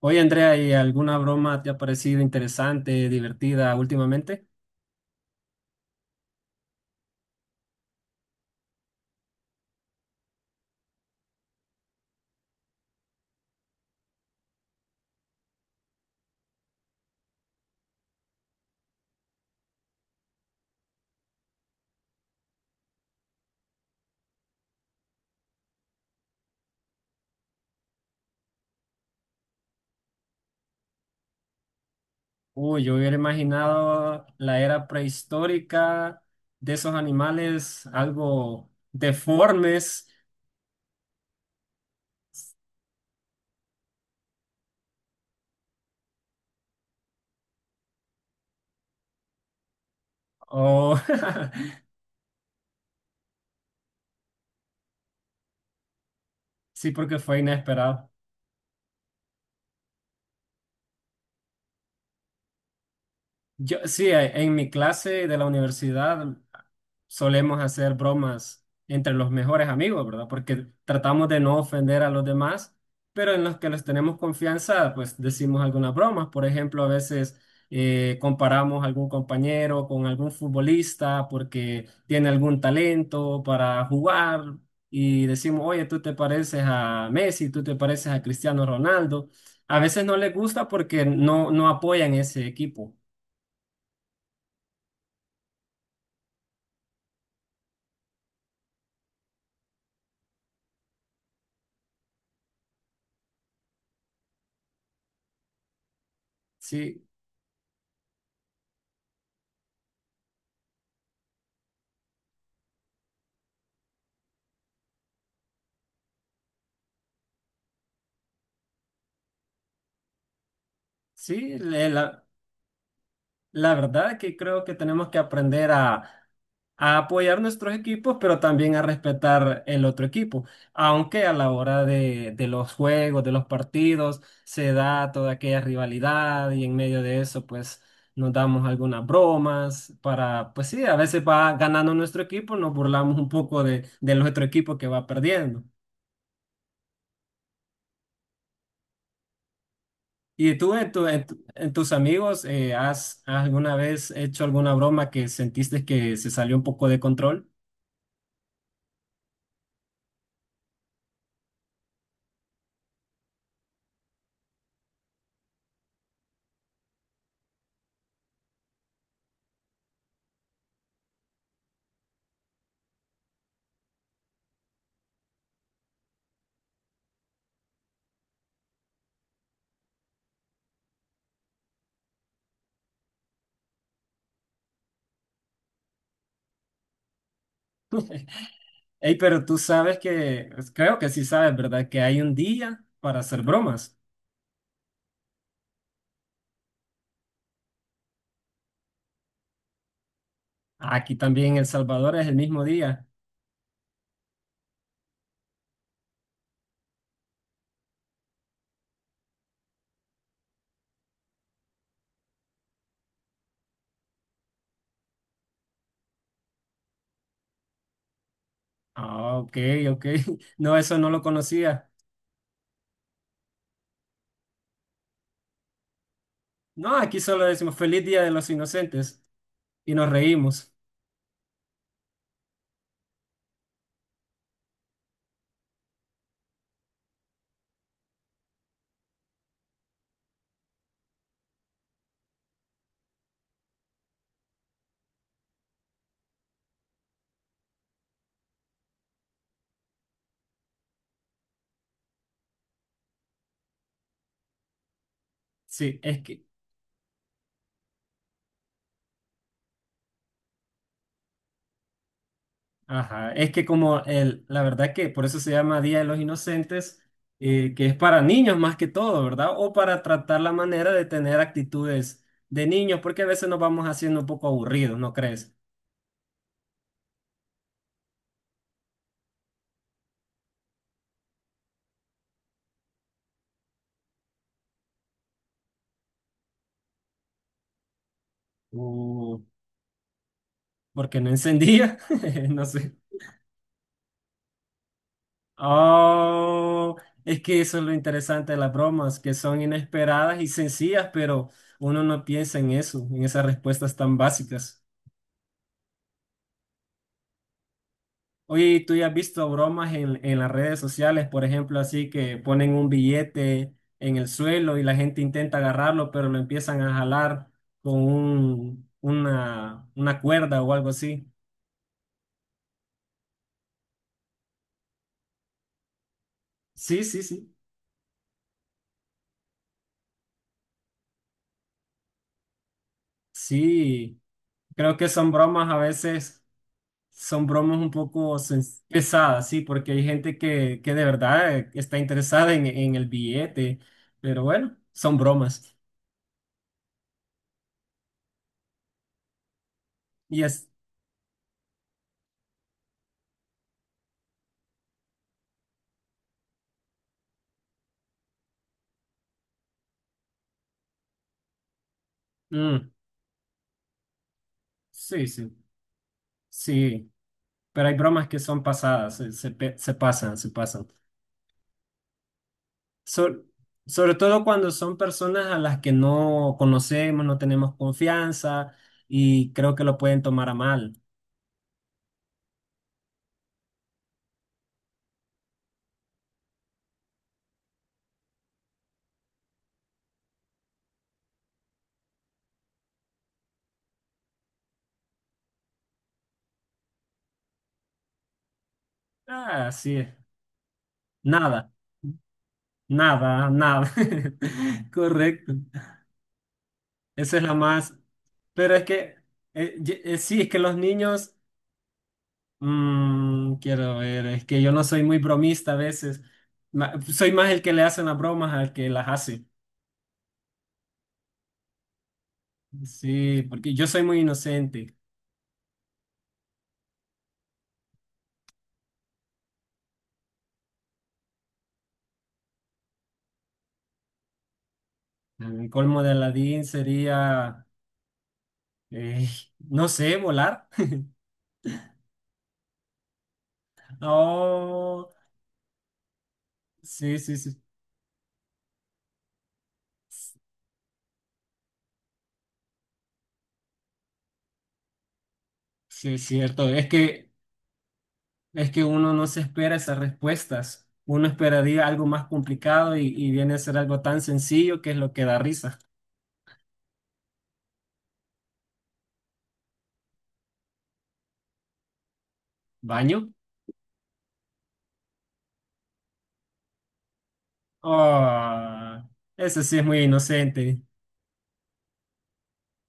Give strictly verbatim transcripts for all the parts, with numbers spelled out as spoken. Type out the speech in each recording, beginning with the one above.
Oye, Andrea, ¿y alguna broma te ha parecido interesante, divertida últimamente? Uy, yo hubiera imaginado la era prehistórica de esos animales algo deformes. O sí, porque fue inesperado. Yo, sí, e- en mi clase de la universidad solemos hacer bromas entre los mejores amigos, ¿verdad? Porque tratamos de no ofender a los demás, pero en los que les tenemos confianza, pues decimos algunas bromas. Por ejemplo, a veces eh, comparamos algún compañero con algún futbolista porque tiene algún talento para jugar y decimos, oye, tú te pareces a Messi, tú te pareces a Cristiano Ronaldo. A veces no les gusta porque no, no apoyan ese equipo. Sí, sí, le- la, la verdad que creo que tenemos que aprender a, a apoyar nuestros equipos, pero también a respetar el otro equipo. Aunque a la hora de, de los juegos, de los partidos, se da toda aquella rivalidad y en medio de eso, pues nos damos algunas bromas para, pues sí, a veces va ganando nuestro equipo, nos burlamos un poco de, de nuestro equipo que va perdiendo. ¿Y tú en, tu- en tu- en tus amigos eh, has has alguna vez hecho alguna broma que sentiste que se salió un poco de control? Ey, pero tú sabes que, pues, creo que sí sabes, ¿verdad? Que hay un día para hacer bromas. Aquí también en El Salvador es el mismo día. Ah, ok, ok. No, eso no lo conocía. No, aquí solo decimos feliz Día de los Inocentes y nos reímos. Sí, es que ajá, es que como el, la verdad que por eso se llama Día de los Inocentes, eh, que es para niños más que todo, ¿verdad? O para tratar la manera de tener actitudes de niños, porque a veces nos vamos haciendo un poco aburridos, ¿no crees? O porque no encendía, no sé. Oh, es que eso es lo interesante de las bromas, que son inesperadas y sencillas, pero uno no piensa en eso, en esas respuestas tan básicas. Oye, ¿y ¿tú ya has visto bromas en, en las redes sociales? Por ejemplo, así que ponen un billete en el suelo y la gente intenta agarrarlo, pero lo empiezan a jalar con un, una, una cuerda o algo así. Sí, sí, sí. Sí, creo que son bromas a veces, son bromas un poco sen- pesadas, sí, porque hay gente que, que de verdad eh, está interesada en, en el billete, pero bueno, son bromas. Y es, mm, sí, sí, sí. Pero hay bromas que son pasadas, se, se pe- se pasan, se pasan. So- Sobre todo cuando son personas a las que no conocemos, no tenemos confianza, y creo que lo pueden tomar a mal. Ah, así es. Nada, nada, nada. Correcto. Esa es la más... Pero es que, eh, ye- eh, sí, es que los niños, mm, quiero ver, es que yo no soy muy bromista a veces. Ma- soy más el que le hacen las bromas al que las hace. Sí, porque yo soy muy inocente. El colmo de Aladín sería, eh, no sé, volar. Oh, sí, sí, sí, sí, es cierto. Es que, es que uno no se espera esas respuestas. Uno esperaría algo más complicado y, y viene a ser algo tan sencillo que es lo que da risa. ¿Baño? Oh, ese sí es muy inocente.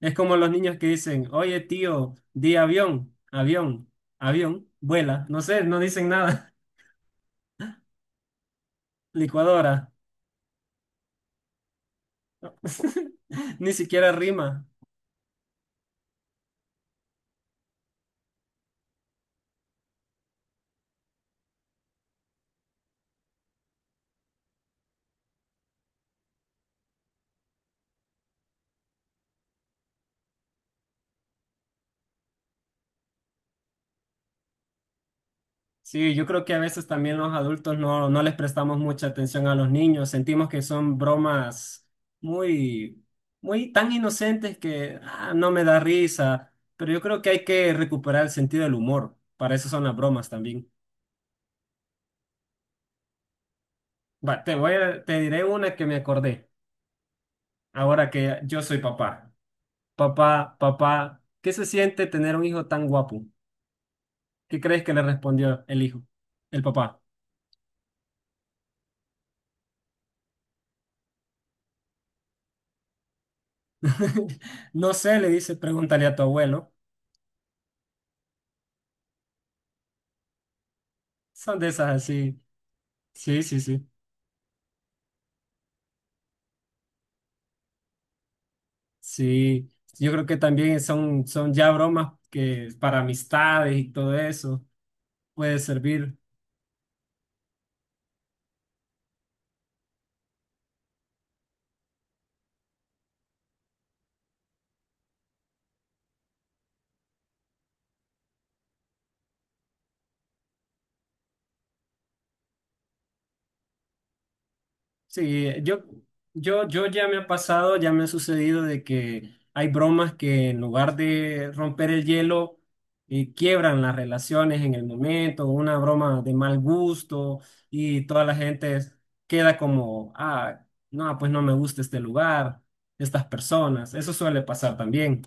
Es como los niños que dicen, oye, tío, di avión, avión, avión, vuela. No sé, no dicen nada. Licuadora. Ni siquiera rima. Sí, yo creo que a veces también los adultos no, no les prestamos mucha atención a los niños. Sentimos que son bromas muy, muy tan inocentes que ah, no me da risa. Pero yo creo que hay que recuperar el sentido del humor. Para eso son las bromas también. Va, te voy a- te diré una que me acordé. Ahora que yo soy papá. Papá, papá, ¿qué se siente tener un hijo tan guapo? ¿Qué crees que le respondió el hijo? El papá. No sé, le dice, pregúntale a tu abuelo. Son de esas así. Sí, sí, sí. Sí. Yo creo que también son, son ya bromas que para amistades y todo eso puede servir. Sí, eh, yo, yo, yo ya me ha pasado, ya me ha sucedido de que hay bromas que en lugar de romper el hielo, eh, quiebran las relaciones en el momento, una broma de mal gusto y toda la gente queda como, ah, no, pues no me gusta este lugar, estas personas. Eso suele pasar también.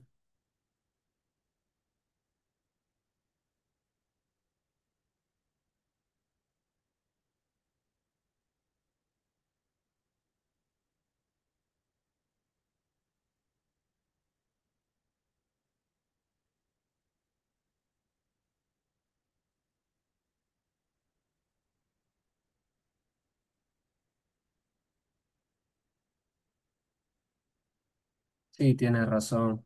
Sí, tienes razón.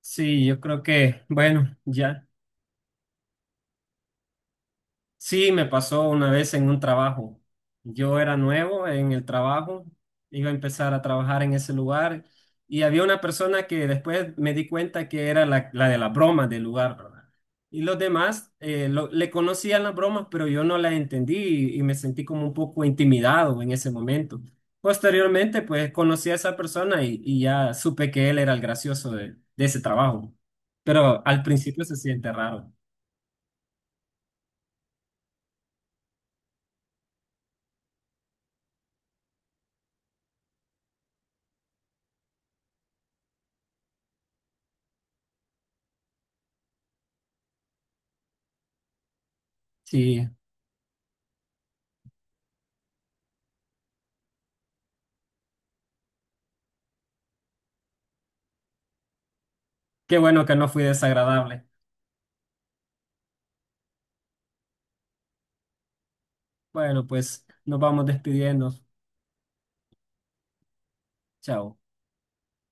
Sí, yo creo que, bueno, ya. Sí, me pasó una vez en un trabajo. Yo era nuevo en el trabajo, iba a empezar a trabajar en ese lugar y había una persona que después me di cuenta que era la, la de la broma del lugar, ¿verdad? Y los demás eh, lo- le conocían las bromas, pero yo no las entendí y, y me sentí como un poco intimidado en ese momento. Posteriormente, pues conocí a esa persona y, y ya supe que él era el gracioso de, de ese trabajo, pero al principio se siente raro. Sí. Qué bueno que no fui desagradable. Bueno, pues nos vamos despidiendo. Chao.